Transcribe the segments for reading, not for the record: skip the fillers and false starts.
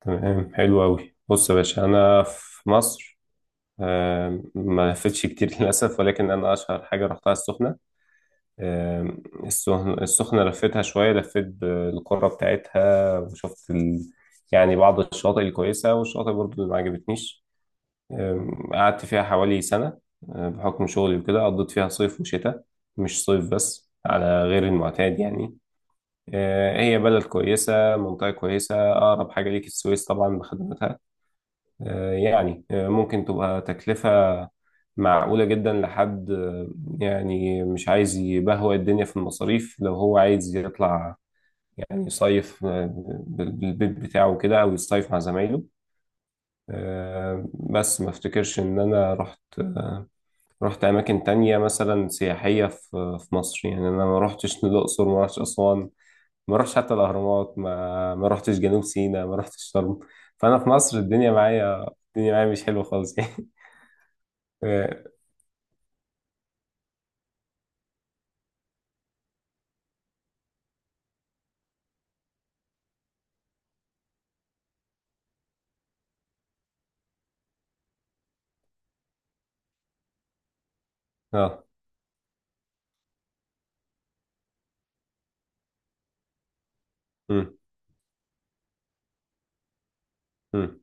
تمام، حلو أوي. بص يا باشا، أنا في مصر. ما لفتش كتير للأسف، ولكن أنا أشهر حاجة رحتها السخنة. آم، السخنة لفتها شوية، لفيت بالقرى بتاعتها وشفت يعني بعض الشواطئ الكويسة، والشواطئ برضو اللي ما عجبتنيش. قعدت فيها حوالي سنة. بحكم شغلي وكده قضيت فيها صيف وشتاء، مش صيف بس، على غير المعتاد يعني. هي بلد كويسة، منطقة كويسة، أقرب حاجة ليك السويس طبعا بخدماتها. يعني ممكن تبقى تكلفة معقولة جدا لحد، يعني مش عايز يبهوأ الدنيا في المصاريف لو هو عايز يطلع، يعني يصيف، بالبيت بتاعه كده، أو يصيف مع زمايله. بس ما افتكرش إن أنا رحت أماكن تانية مثلا سياحية في مصر، يعني أنا ما رحتش الأقصر، ما رحتش أسوان، ما رحتش حتى الأهرامات، ما رحتش جنوب سيناء، ما رحتش شرم. فأنا في مصر الدنيا معايا مش حلوة خالص اه، آه. مم. مم.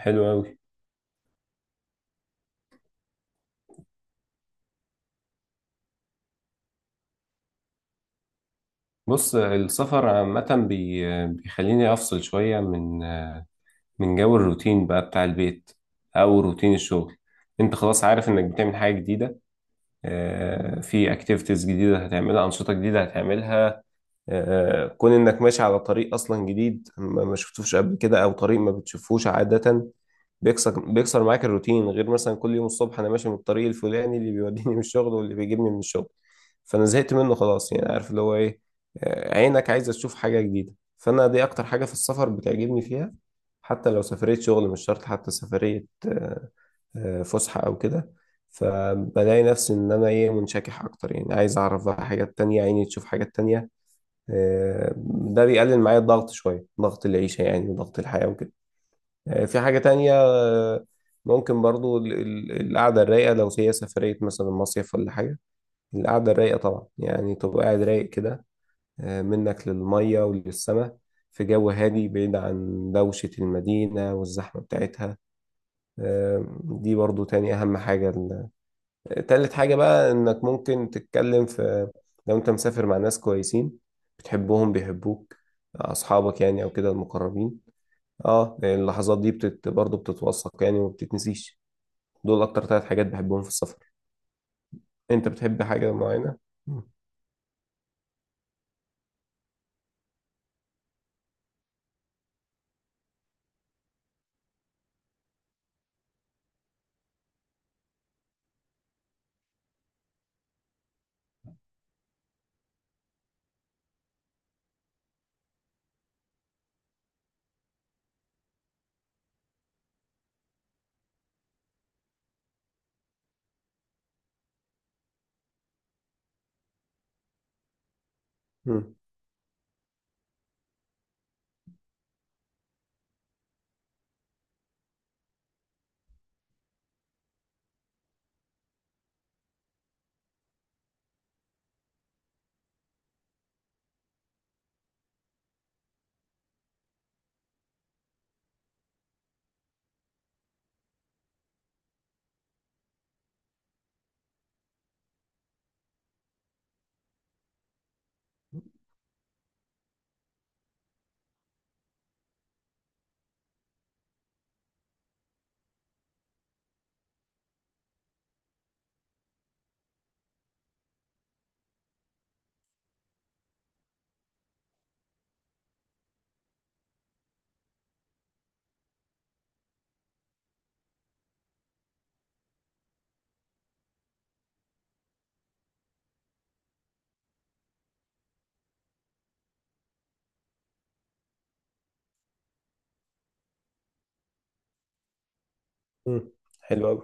حلو قوي. بص، السفر عامة بيخليني أفصل شوية من جو الروتين بقى بتاع البيت، أو روتين الشغل. أنت خلاص عارف إنك بتعمل حاجة جديدة. في أكتيفيتيز جديدة هتعملها، أنشطة جديدة هتعملها. كون انك ماشي على طريق اصلا جديد ما شفتوش قبل كده، او طريق ما بتشوفوش عادة، بيكسر معاك الروتين، غير مثلا كل يوم الصبح انا ماشي من الطريق الفلاني اللي بيوديني من الشغل واللي بيجيبني من الشغل، فانا زهقت منه خلاص، يعني عارف اللي هو ايه. عينك عايزة تشوف حاجة جديدة، فانا دي اكتر حاجة في السفر بتعجبني فيها. حتى لو سفرية شغل، مش شرط حتى سفرية فسحة او كده. فبلاقي نفسي ان انا ايه، منشكح اكتر يعني، عايز اعرف بقى حاجات تانية، عيني تشوف حاجات تانية. آه، ده بيقلل معايا الضغط شوية، ضغط العيشة يعني وضغط الحياة وكده. في حاجة تانية. ممكن برضو القعدة الرايقة لو هي سفرية مثلا مصيف ولا حاجة. القعدة الرايقة طبعا، يعني تبقى قاعد رايق كده، منك للمية وللسماء، في جو هادي بعيد عن دوشة المدينة والزحمة بتاعتها. دي برضو تاني أهم حاجة. تالت حاجة بقى انك ممكن تتكلم في، لو انت مسافر مع ناس كويسين بتحبهم بيحبوك، اصحابك يعني او كده المقربين. اه، اللحظات دي برضه بتتوثق يعني ومبتتنسيش. دول اكتر ثلاث حاجات بحبهم في السفر. انت بتحب حاجة معينة؟ مم. مم. مم. حلو قوي.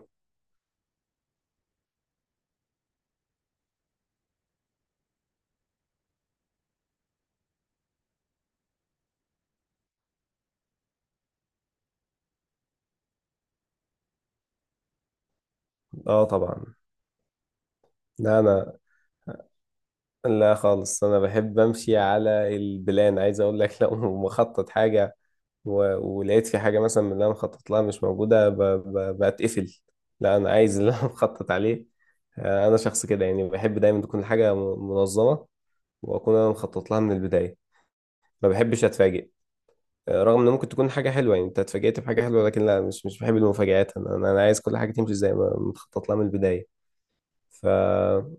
اه طبعا. لا انا، لا خالص، انا بحب امشي على البلان. عايز اقول لك، لو مخطط حاجة ولقيت في حاجة مثلا من اللي أنا مخطط لها مش موجودة، بتقفل. لا، أنا عايز اللي أنا مخطط عليه. أنا شخص كده يعني، بحب دايما تكون الحاجة منظمة، وأكون أنا مخطط لها من البداية. ما بحبش أتفاجئ. رغم إن ممكن تكون حاجة حلوة يعني، أنت اتفاجئت بحاجة حلوة، لكن لا، مش بحب المفاجآت. أنا عايز كل حاجة تمشي زي ما متخطط لها من البداية. ف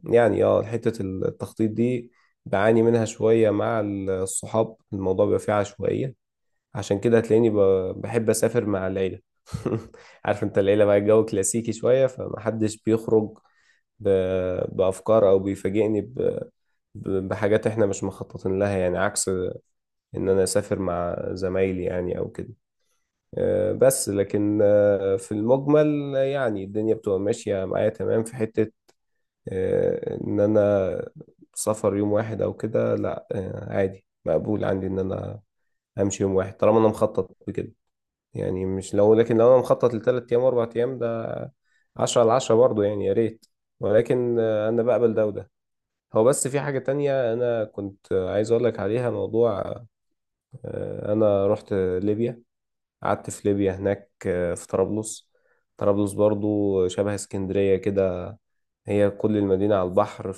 يعني اه، حتة التخطيط دي بعاني منها شوية، مع الصحاب الموضوع بيبقى فيه عشوائية. عشان كده هتلاقيني بحب اسافر مع العيله. عارف انت العيله بقى، الجو كلاسيكي شويه، فمحدش بيخرج بافكار او بيفاجئني بحاجات احنا مش مخططين لها، يعني عكس ان انا اسافر مع زمايلي، يعني او كده. بس لكن في المجمل يعني الدنيا بتبقى ماشيه معايا تمام، في حته ان انا سفر يوم واحد او كده، لا عادي مقبول عندي ان انا امشي يوم واحد طالما انا مخطط بكده. يعني مش لو، لكن لو انا مخطط ل3 ايام و4 ايام، ده 10/10 برضه يعني، يا ريت. ولكن انا بقبل ده وده. هو بس في حاجة تانية انا كنت عايز اقول لك عليها، موضوع انا رحت ليبيا. قعدت في ليبيا هناك، في طرابلس. طرابلس برضه شبه اسكندرية كده، هي كل المدينة على البحر.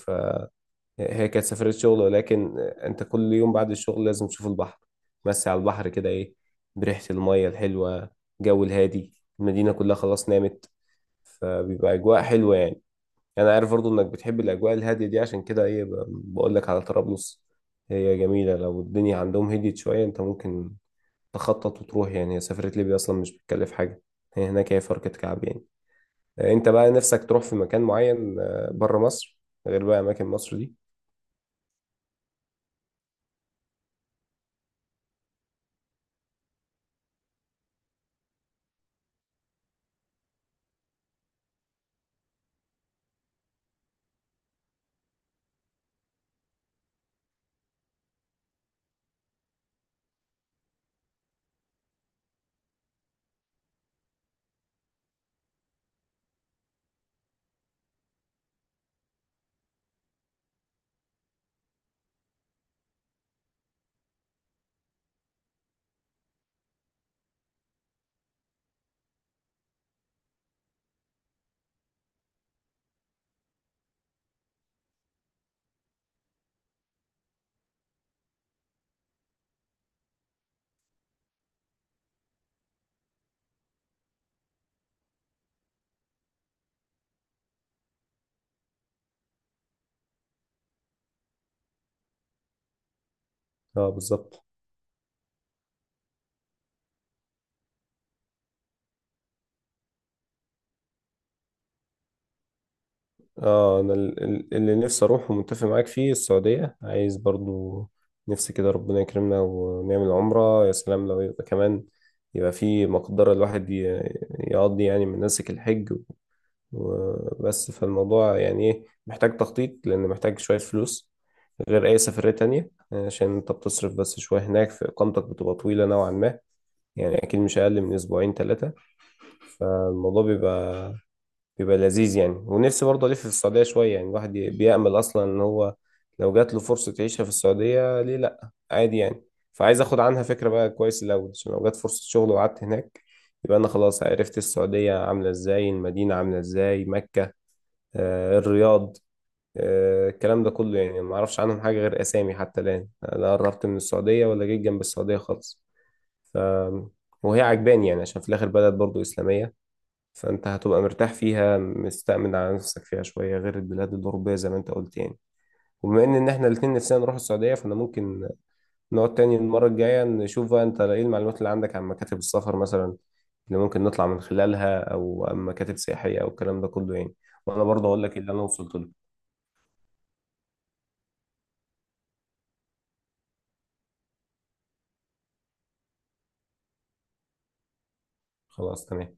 هي كانت سفرية شغل، ولكن أنت كل يوم بعد الشغل لازم تشوف البحر، تمسي على البحر كده إيه، بريحة المية الحلوة، جو الهادي، المدينة كلها خلاص نامت، فبيبقى أجواء حلوة يعني. أنا عارف برضو إنك بتحب الأجواء الهادية دي، عشان كده إيه بقولك على طرابلس. هي جميلة، لو الدنيا عندهم هديت شوية أنت ممكن تخطط وتروح، يعني هي سفرية ليبيا أصلا مش بتكلف حاجة، هي هناك هي فرقة كعب يعني. أنت بقى نفسك تروح في مكان معين بره مصر، غير بقى أماكن مصر دي. اه بالظبط. اه انا اللي نفسي اروح ومتفق معاك فيه السعودية، عايز برضو، نفسي كده ربنا يكرمنا ونعمل عمرة، يا سلام لو يبقى كمان يبقى في مقدرة الواحد يقضي يعني مناسك الحج وبس. فالموضوع يعني ايه، محتاج تخطيط لان محتاج شوية فلوس غير اي سفرية تانية، عشان انت بتصرف بس شوية هناك، في اقامتك بتبقى طويلة نوعا ما، يعني اكيد مش اقل من اسبوعين ثلاثة. فالموضوع بيبقى لذيذ يعني. ونفسي برضه ألف في السعودية شوية يعني، الواحد بيأمل أصلا إن هو لو جات له فرصة يعيشها في السعودية ليه لأ، عادي يعني. فعايز أخد عنها فكرة بقى كويس الأول، عشان لو جات فرصة شغل وقعدت هناك يبقى أنا خلاص عرفت السعودية عاملة إزاي، المدينة عاملة إزاي، مكة، الرياض، الكلام ده كله يعني. ما أعرفش عنهم حاجة غير أسامي، حتى الآن لا قربت من السعودية ولا جيت جنب السعودية خالص. ف... وهي عجباني يعني، عشان في الآخر بلد برضه إسلامية، فأنت هتبقى مرتاح فيها، مستأمن على نفسك فيها شوية، غير البلاد الأوروبية زي ما أنت قلت يعني. وبما إن إحنا الاتنين نفسنا نروح السعودية، فأنا ممكن نقعد تاني المرة الجاية، نشوف بقى أنت إيه المعلومات اللي عندك عن مكاتب السفر مثلا، اللي ممكن نطلع من خلالها، أو مكاتب سياحية، أو الكلام ده كله يعني. وأنا برضه أقول لك إيه اللي أنا وصلت له. خلاص تمام.